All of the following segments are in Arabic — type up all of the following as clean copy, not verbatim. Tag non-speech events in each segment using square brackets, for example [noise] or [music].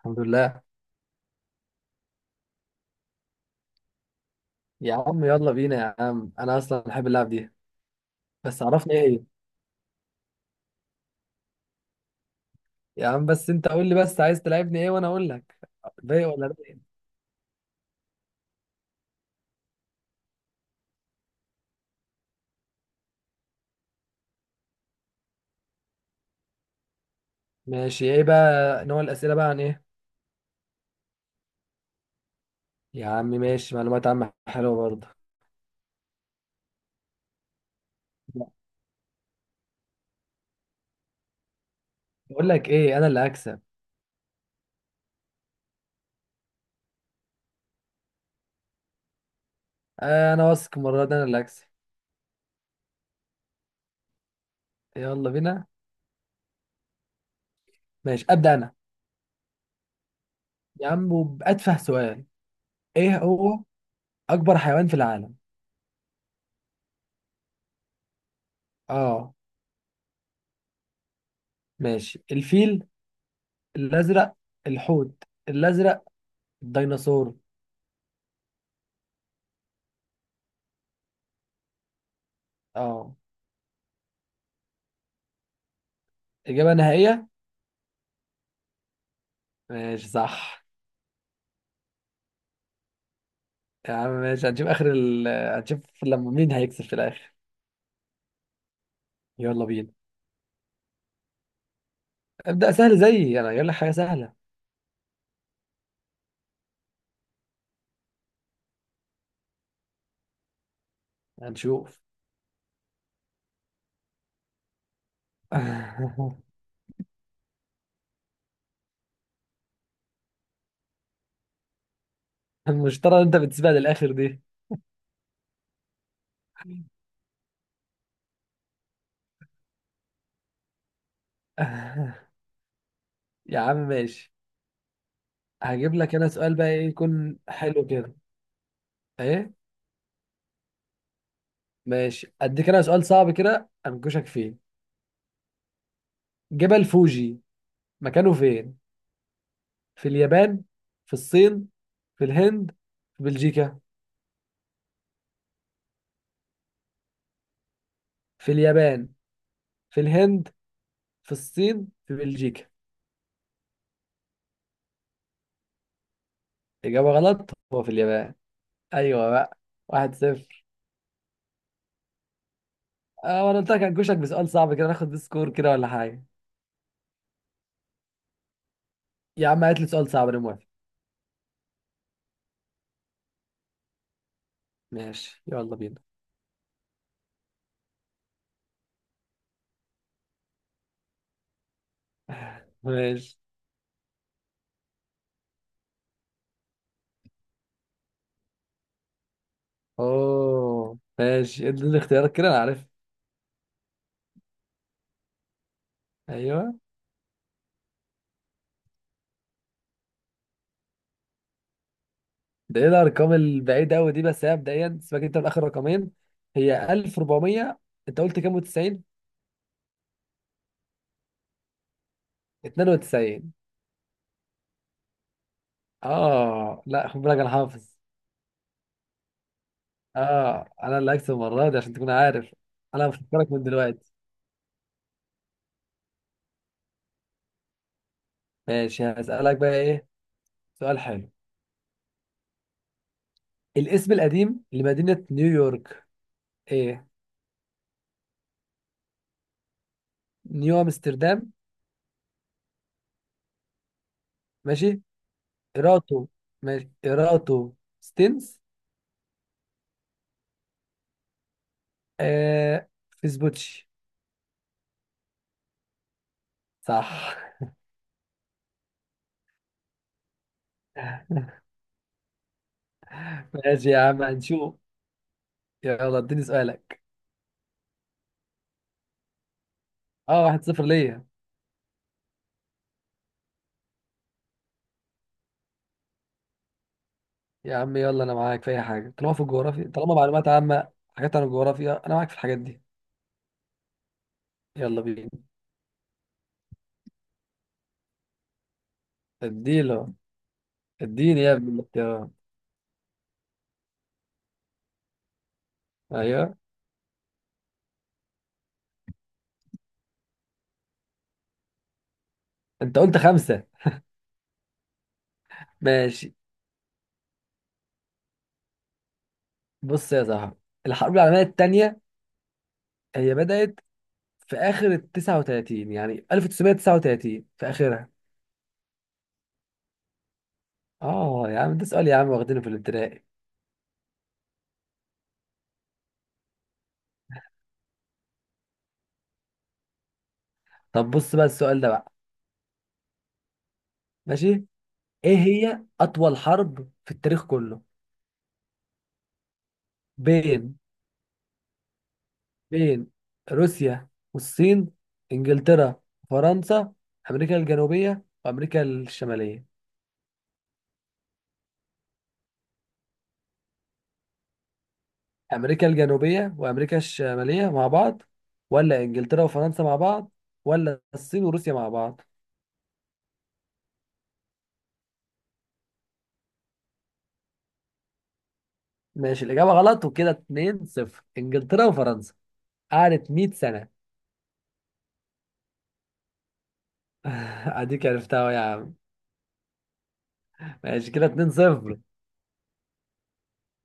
الحمد لله. يا عم يلا بينا يا عم، انا اصلا بحب اللعب دي. بس عرفني ايه هي. يا عم بس انت قول لي، بس عايز تلعبني ايه وانا اقول لك. رايق ولا رايق؟ ماشي، ايه بقى نوع الاسئله بقى؟ عن ايه؟ يا عم ماشي، معلومات عامه حلوه برضه. بقول لك ايه، انا اللي هكسب. آه، انا واثق المره دي انا اللي هكسب. يلا بينا. ماشي ابدا انا. يا عم وباتفه سؤال. ايه هو؟ اكبر حيوان في العالم. اه. ماشي، الفيل الازرق، الحوت الازرق، الديناصور. اه. إجابة نهائية؟ ماشي صح. يا عم ماشي، هنشوف آخر هنشوف لما مين هيكسب في الآخر. يلا بينا. ابدأ سهل زيي أنا، يقول لك حاجة سهلة. هنشوف. [laughs] المشترى اللي أنت بتسيبها للآخر دي. [laughs] يا عم ماشي. هجيب لك أنا سؤال بقى، إيه يكون حلو كده. إيه؟ ماشي أديك أنا سؤال صعب كده أنكشك فيه. جبل فوجي مكانه فين؟ في اليابان؟ في الصين؟ في الهند؟ في بلجيكا؟ في اليابان، في الهند، في الصين، في بلجيكا. إجابة غلط، هو في اليابان. أيوة بقى. واحد صفر. أه، وأنا قلت لك هنكشك بسؤال صعب كده، ناخد سكور كده ولا حاجة. يا عم هات لي سؤال صعب، أنا موافق. ماشي يلا بينا. ماشي. أوه ماشي، ادي الاختيارات كده أنا عارف. أيوة. ده إيه الأرقام البعيدة أوي دي، بس هي مبدئيا سيبك أنت من آخر رقمين. هي 1400. أنت قلت كام و90؟ 92. أه، لا خد بالك أنا حافظ. أه أنا اللي هكسب المرة دي عشان تكون عارف. أنا بفكرك من دلوقتي. ماشي هسألك بقى ايه. سؤال حلو. الاسم القديم لمدينة نيويورك. ايه؟ نيو امستردام. ماشي. ايراتو. ماشي ايراتو. ستينز. آه. فيسبوتشي. صح. [laughs] ماشي يا عم هنشوف. يلا اديني سؤالك. اه واحد صفر ليا. يا عم يلا، انا معاك في اي حاجة، طالما في الجغرافيا، طالما معلومات عامة حاجات عن الجغرافيا انا معاك في الحاجات دي. يلا بينا. اديله. اديني يا ابني الاختيارات. ايوه. انت قلت خمسة. ماشي. بص يا صاحبي، الحرب العالمية التانية هي بدأت في آخر ال 39، يعني 1939 في آخرها. اه يا عم، ده سؤال يا عم واخدينه في الابتدائي. طب بص بقى السؤال ده بقى. ماشي. ايه هي أطول حرب في التاريخ كله؟ بين بين روسيا والصين، إنجلترا فرنسا، أمريكا الجنوبية وأمريكا الشمالية. أمريكا الجنوبية وأمريكا الشمالية مع بعض، ولا إنجلترا وفرنسا مع بعض، ولا الصين وروسيا مع بعض. ماشي الإجابة غلط، وكده 2 0، إنجلترا وفرنسا. قعدت 100 سنة. [laughs] أديك عرفتها أهو يا عم. ماشي كده 2 0.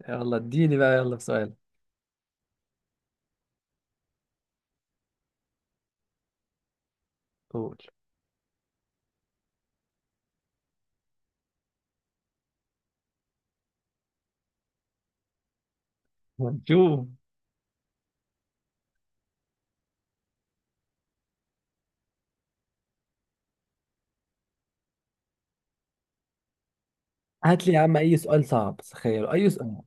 يلا اديني بقى، يلا في سؤال. قول. هنشوف. هات لي يا عم أي سؤال صعب، تخيل أي سؤال.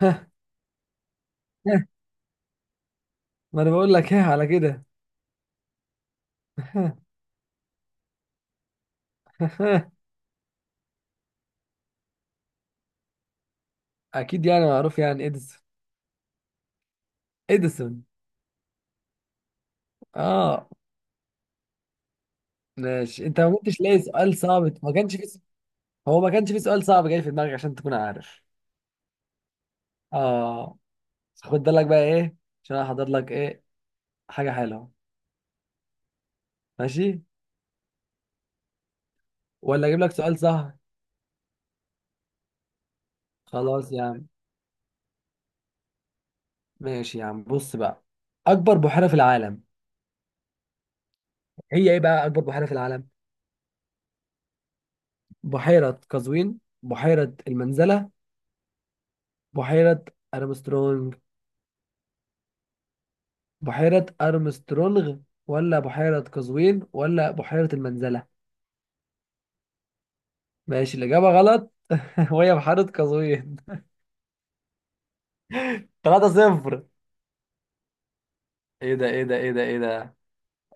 [laughs] ما أنا بقول لك [laughs] إيه على كده. [laughs] أكيد يعني معروف، يعني إديسون. إديسون. آه. ماشي أنت ما كنتش لاقي سؤال صعب، ما كانش في. هو ما كانش في سؤال صعب جاي في دماغك عشان تكون عارف. آه. خد بالك بقى إيه، عشان أنا حاضر لك إيه، حاجة حلوة. ماشي. ولا أجيب لك سؤال سهل؟ خلاص يا عم. ماشي يا عم بص بقى. أكبر بحيرة في العالم. هي إيه بقى أكبر بحيرة في العالم؟ بحيرة قزوين، بحيرة المنزلة، بحيرة أرمسترونج. بحيرة أرمسترونغ، ولا بحيرة قزوين، ولا بحيرة المنزلة. ماشي الإجابة غلط، [laughs] وهي بحيرة قزوين. 3 صفر. إيه ده، إيه ده، إيه ده، إيه ده.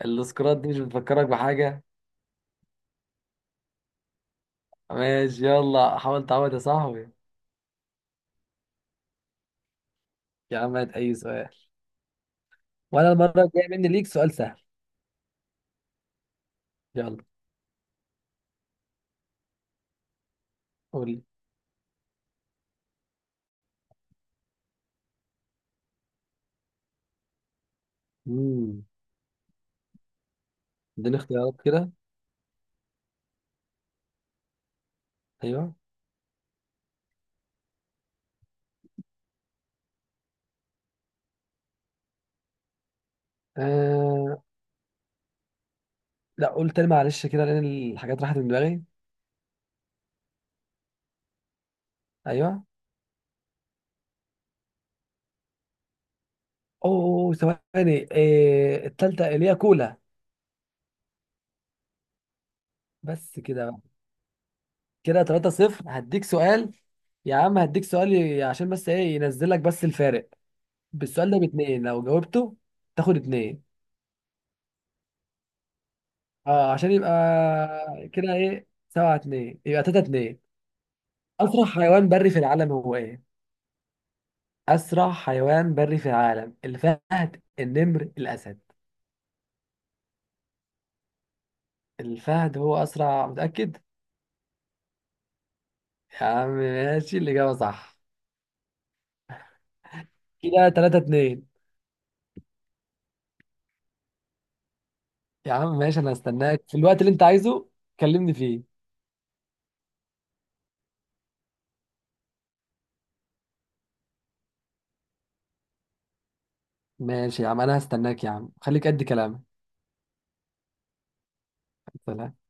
السكرات دي مش بتفكرك بحاجة. ماشي يلا حاول تعود يا صاحبي. يا عم هات أي سؤال، وانا المره الجايه مني ليك سؤال سهل. يلا. قول لي. امم اديني اختيارات كده. ايوه. آه... لا قول تاني معلش كده، لان الحاجات راحت من دماغي. ايوه. اوه ثواني، التالتة اللي هي كولا. بس كده بقى. كده 3 0 هديك سؤال. يا عم هديك سؤال، عشان بس ايه ينزل لك بس الفارق بالسؤال ده باتنين لو جاوبته تاخد اتنين. اه عشان يبقى كده، ايه سبعة اتنين يبقى تلاتة اتنين. اسرع حيوان بري في العالم هو ايه؟ أسرع حيوان بري في العالم، الفهد، النمر، الأسد. الفهد هو أسرع، متأكد؟ يا عم ماشي، الإجابة صح. كده تلاتة اتنين. يا عم ماشي، أنا هستناك في الوقت اللي أنت عايزه، كلمني فيه. ماشي يا عم أنا هستناك يا عم، خليك قد كلامك. سلام.